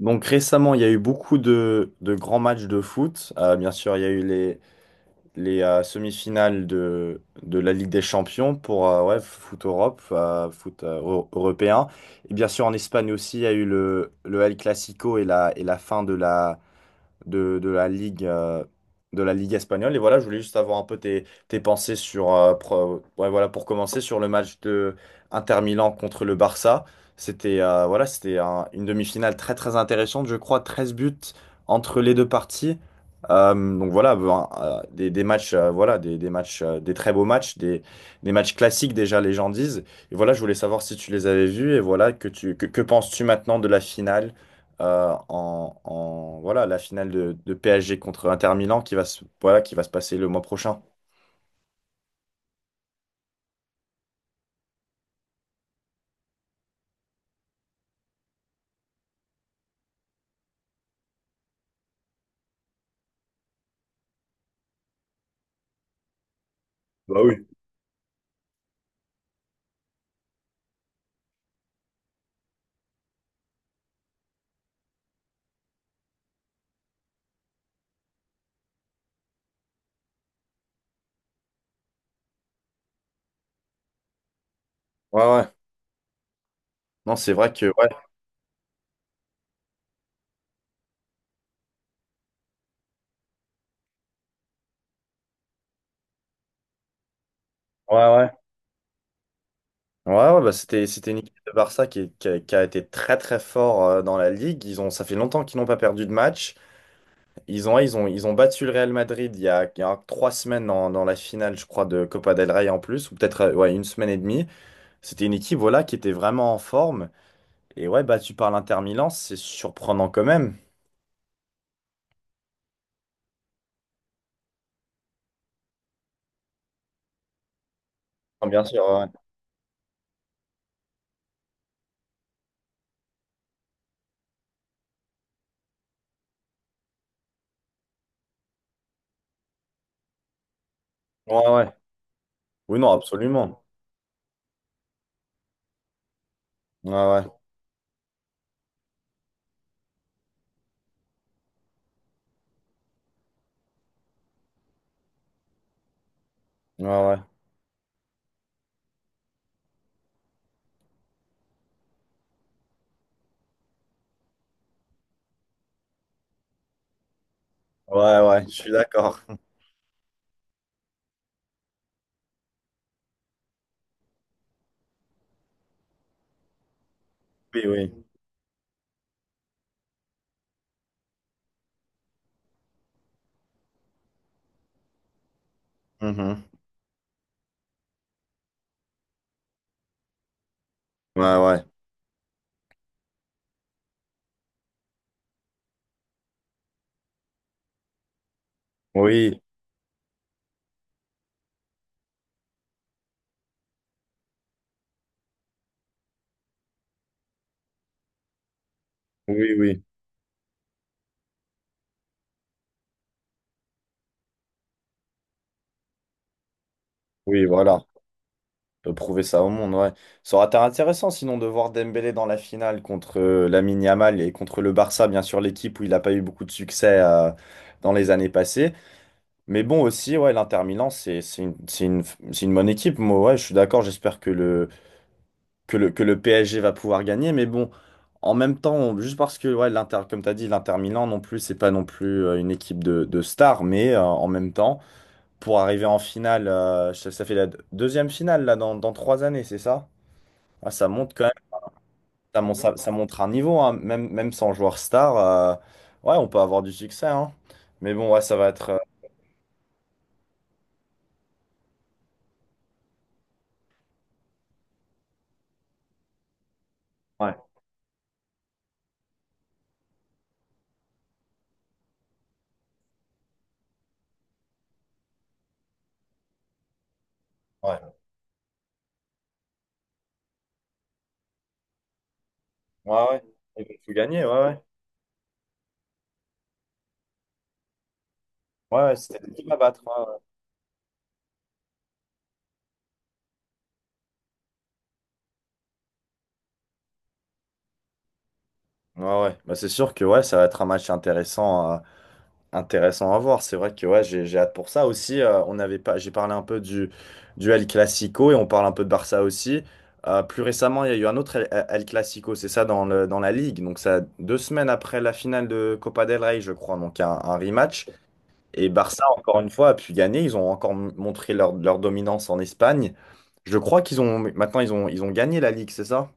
Donc récemment, il y a eu beaucoup de grands matchs de foot. Bien sûr, il y a eu les semi-finales de la Ligue des Champions pour ouais, foot Europe, foot européen. Et bien sûr, en Espagne aussi, il y a eu le El Clasico et la fin de la Ligue, de la Ligue espagnole. Et voilà, je voulais juste avoir un peu tes pensées sur, ouais, voilà, pour commencer, sur le match de Inter Milan contre le Barça. C'était voilà, c'était une demi-finale très très intéressante, je crois, 13 buts entre les deux parties. Donc voilà, ben, des matchs, voilà, des matchs, des très beaux matchs, des matchs classiques déjà, les gens disent. Et voilà, je voulais savoir si tu les avais vus et voilà, que penses-tu maintenant de la finale? Voilà, la finale de PSG contre Inter Milan qui va voilà, qui va se passer le mois prochain. Bah oui. Ouais, ouais. Non, c'est vrai que ouais, ouais, ouais. Ouais, ouais, bah c'était une équipe de Barça qui qui a été très très fort dans la ligue. Ils ont, ça fait longtemps qu'ils n'ont pas perdu de match. Ils ont battu le Real Madrid il y a 3 semaines dans la finale, je crois, de Copa del Rey en plus, ou peut-être ouais, une semaine et demie. C'était une équipe voilà, qui était vraiment en forme. Et ouais, battu par l'Inter Milan, c'est surprenant quand même. Ah, bien sûr, ouais. Ouais, ouais. Oui, non, absolument. Ouais, ouais. Ouais, ouais. Ouais, ouais. Je suis d'accord. Oui, oui. Mhm. Ouais, ouais. Oui, oui, oui. Oui, voilà. On peut prouver ça au monde, ouais. Ça aurait été intéressant sinon de voir Dembélé dans la finale contre Lamine Yamal et contre le Barça, bien sûr, l'équipe où il n'a pas eu beaucoup de succès dans les années passées. Mais bon, aussi, ouais, l'Inter Milan, c'est une bonne équipe. Moi, ouais, je suis d'accord. J'espère que le PSG va pouvoir gagner. Mais bon, en même temps, on- juste parce que, ouais, l'Inter, comme tu as dit, l'Inter Milan non plus, c'est pas non plus une équipe de stars, mais en même temps, pour arriver en finale, ça, ça fait la deuxième finale là, dans 3 années, c'est ça? Ah, ça monte quand même, ça, ça montre un niveau, hein, même, même sans joueur star, ouais, on peut avoir du succès, hein. Mais bon, ouais, ça va être. Ouais, ouais, ouais, ouais. Ils vont tout gagner, ouais, ouais. Ouais, ouais, c'est une à battre. Ouais, ouais. Ouais, ouais. Bah, c'est sûr que ouais, ça va être un match intéressant. Intéressant à voir. C'est vrai que ouais, j'ai hâte pour ça aussi. On avait pas, j'ai parlé un peu du El Clasico et on parle un peu de Barça aussi. Plus récemment, il y a eu un autre El Clasico, c'est ça, dans la Ligue. Donc, ça, deux semaines après la finale de Copa del Rey, je crois. Donc, un rematch. Et Barça, encore une fois, a pu gagner. Ils ont encore montré leur dominance en Espagne. Je crois qu'ils ont, maintenant, ils ont gagné la Ligue, c'est ça?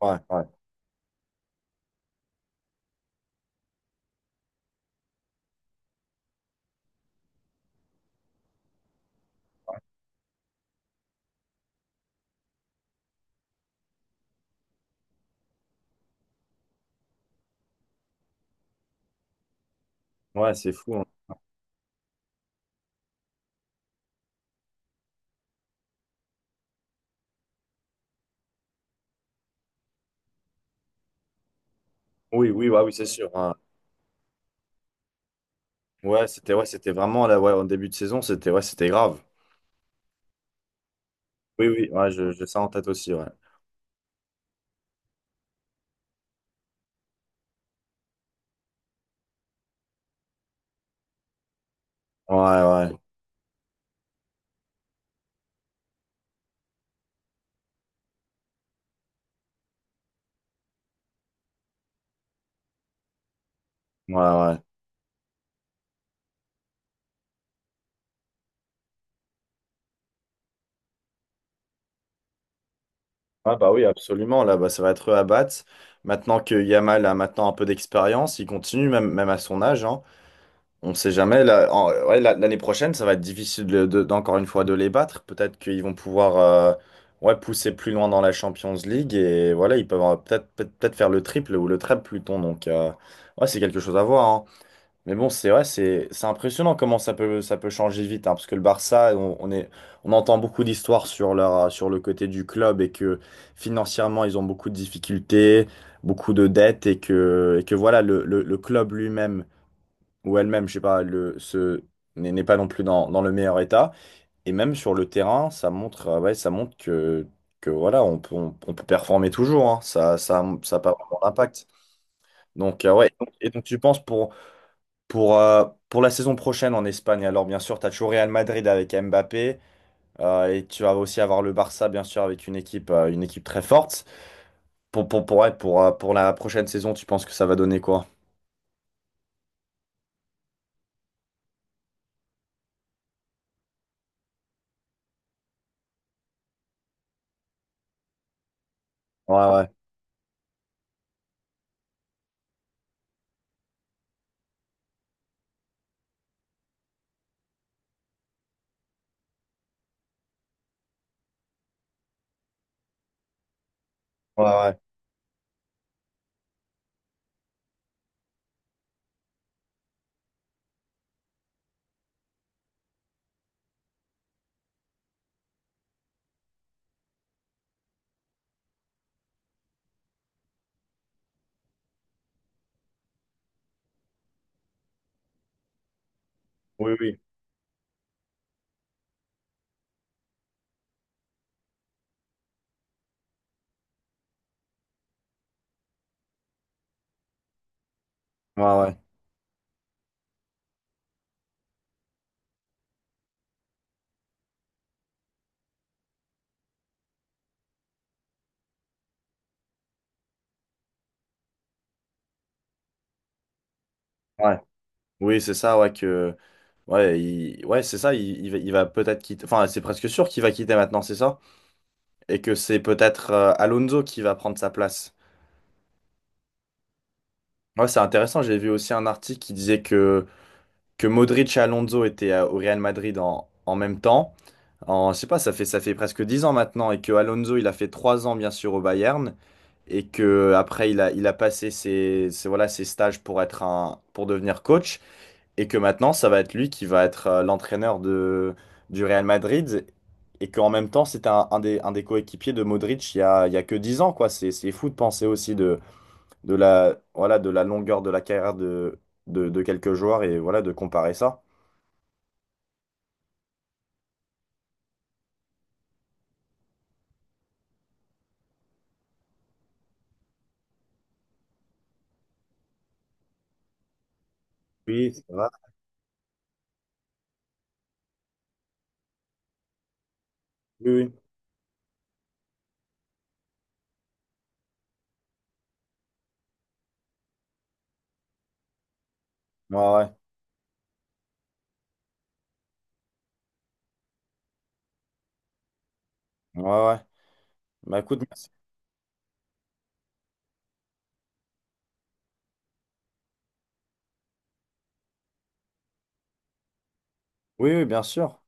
Ouais, ouais. Ouais, c'est fou, hein. Oui, oui, ouais, oui, c'est sûr, hein. Ouais, c'était vraiment là, ouais, en début de saison, c'était ouais, c'était grave. Oui, oui, ouais, je, j'ai ça en tête aussi, ouais. Ouais, ouais, ouais, ouais. Ah bah oui, absolument, là, bah, ça va être eux à battre. Maintenant que Yamal a maintenant un peu d'expérience, il continue même, même à son âge, hein. On ne sait jamais, là, ouais, l'année prochaine, ça va être difficile d'encore une fois de les battre. Peut-être qu'ils vont pouvoir ouais, pousser plus loin dans la Champions League et voilà, ils peuvent peut-être peut-être faire le triple ou le treble plutôt. Donc, ouais, c'est quelque chose à voir, hein. Mais bon, c'est vrai, c'est impressionnant comment ça peut changer vite, hein, parce que le Barça, on est, on entend beaucoup d'histoires sur leur, sur le côté du club et que financièrement, ils ont beaucoup de difficultés, beaucoup de dettes et que voilà, le club lui-même ou elle-même, je sais pas, n'est pas non plus dans le meilleur état. Et même sur le terrain, ça montre, ouais, ça montre que voilà, on peut performer toujours, hein. Ça ça a pas vraiment d'impact. Donc, ouais, et donc tu penses pour. Pour la saison prochaine en Espagne, alors bien sûr, tu as toujours Real Madrid avec Mbappé, et tu vas aussi avoir le Barça, bien sûr, avec une équipe très forte. Pour, ouais, pour la prochaine saison, tu penses que ça va donner quoi? Ouais, ouais, ouais, ouais. Oui, oui. Ouais, ouais, ouais. Oui, c'est ça, ouais, que. Ouais, ouais, c'est ça, il va peut-être quitter. Enfin, c'est presque sûr qu'il va quitter maintenant, c'est ça? Et que c'est peut-être Alonso qui va prendre sa place. Ouais, c'est intéressant, j'ai vu aussi un article qui disait que. Que Modric et Alonso étaient au Real Madrid en même temps. En, je sais pas, ça fait presque 10 ans maintenant et que Alonso, il a fait 3 ans bien sûr au Bayern et que après il a passé voilà, ses stages pour être un, pour devenir coach et que maintenant ça va être lui qui va être l'entraîneur de, du Real Madrid et qu'en même temps c'était un des coéquipiers de Modric il y a que 10 ans quoi. C'est fou de penser aussi de la, voilà, de la longueur de la carrière de quelques joueurs et voilà de comparer ça. Oui, ça va. Oui, oui. Ouais, ouais. Ouais, ouais. Bah écoute, merci. Oui, oui, bien sûr.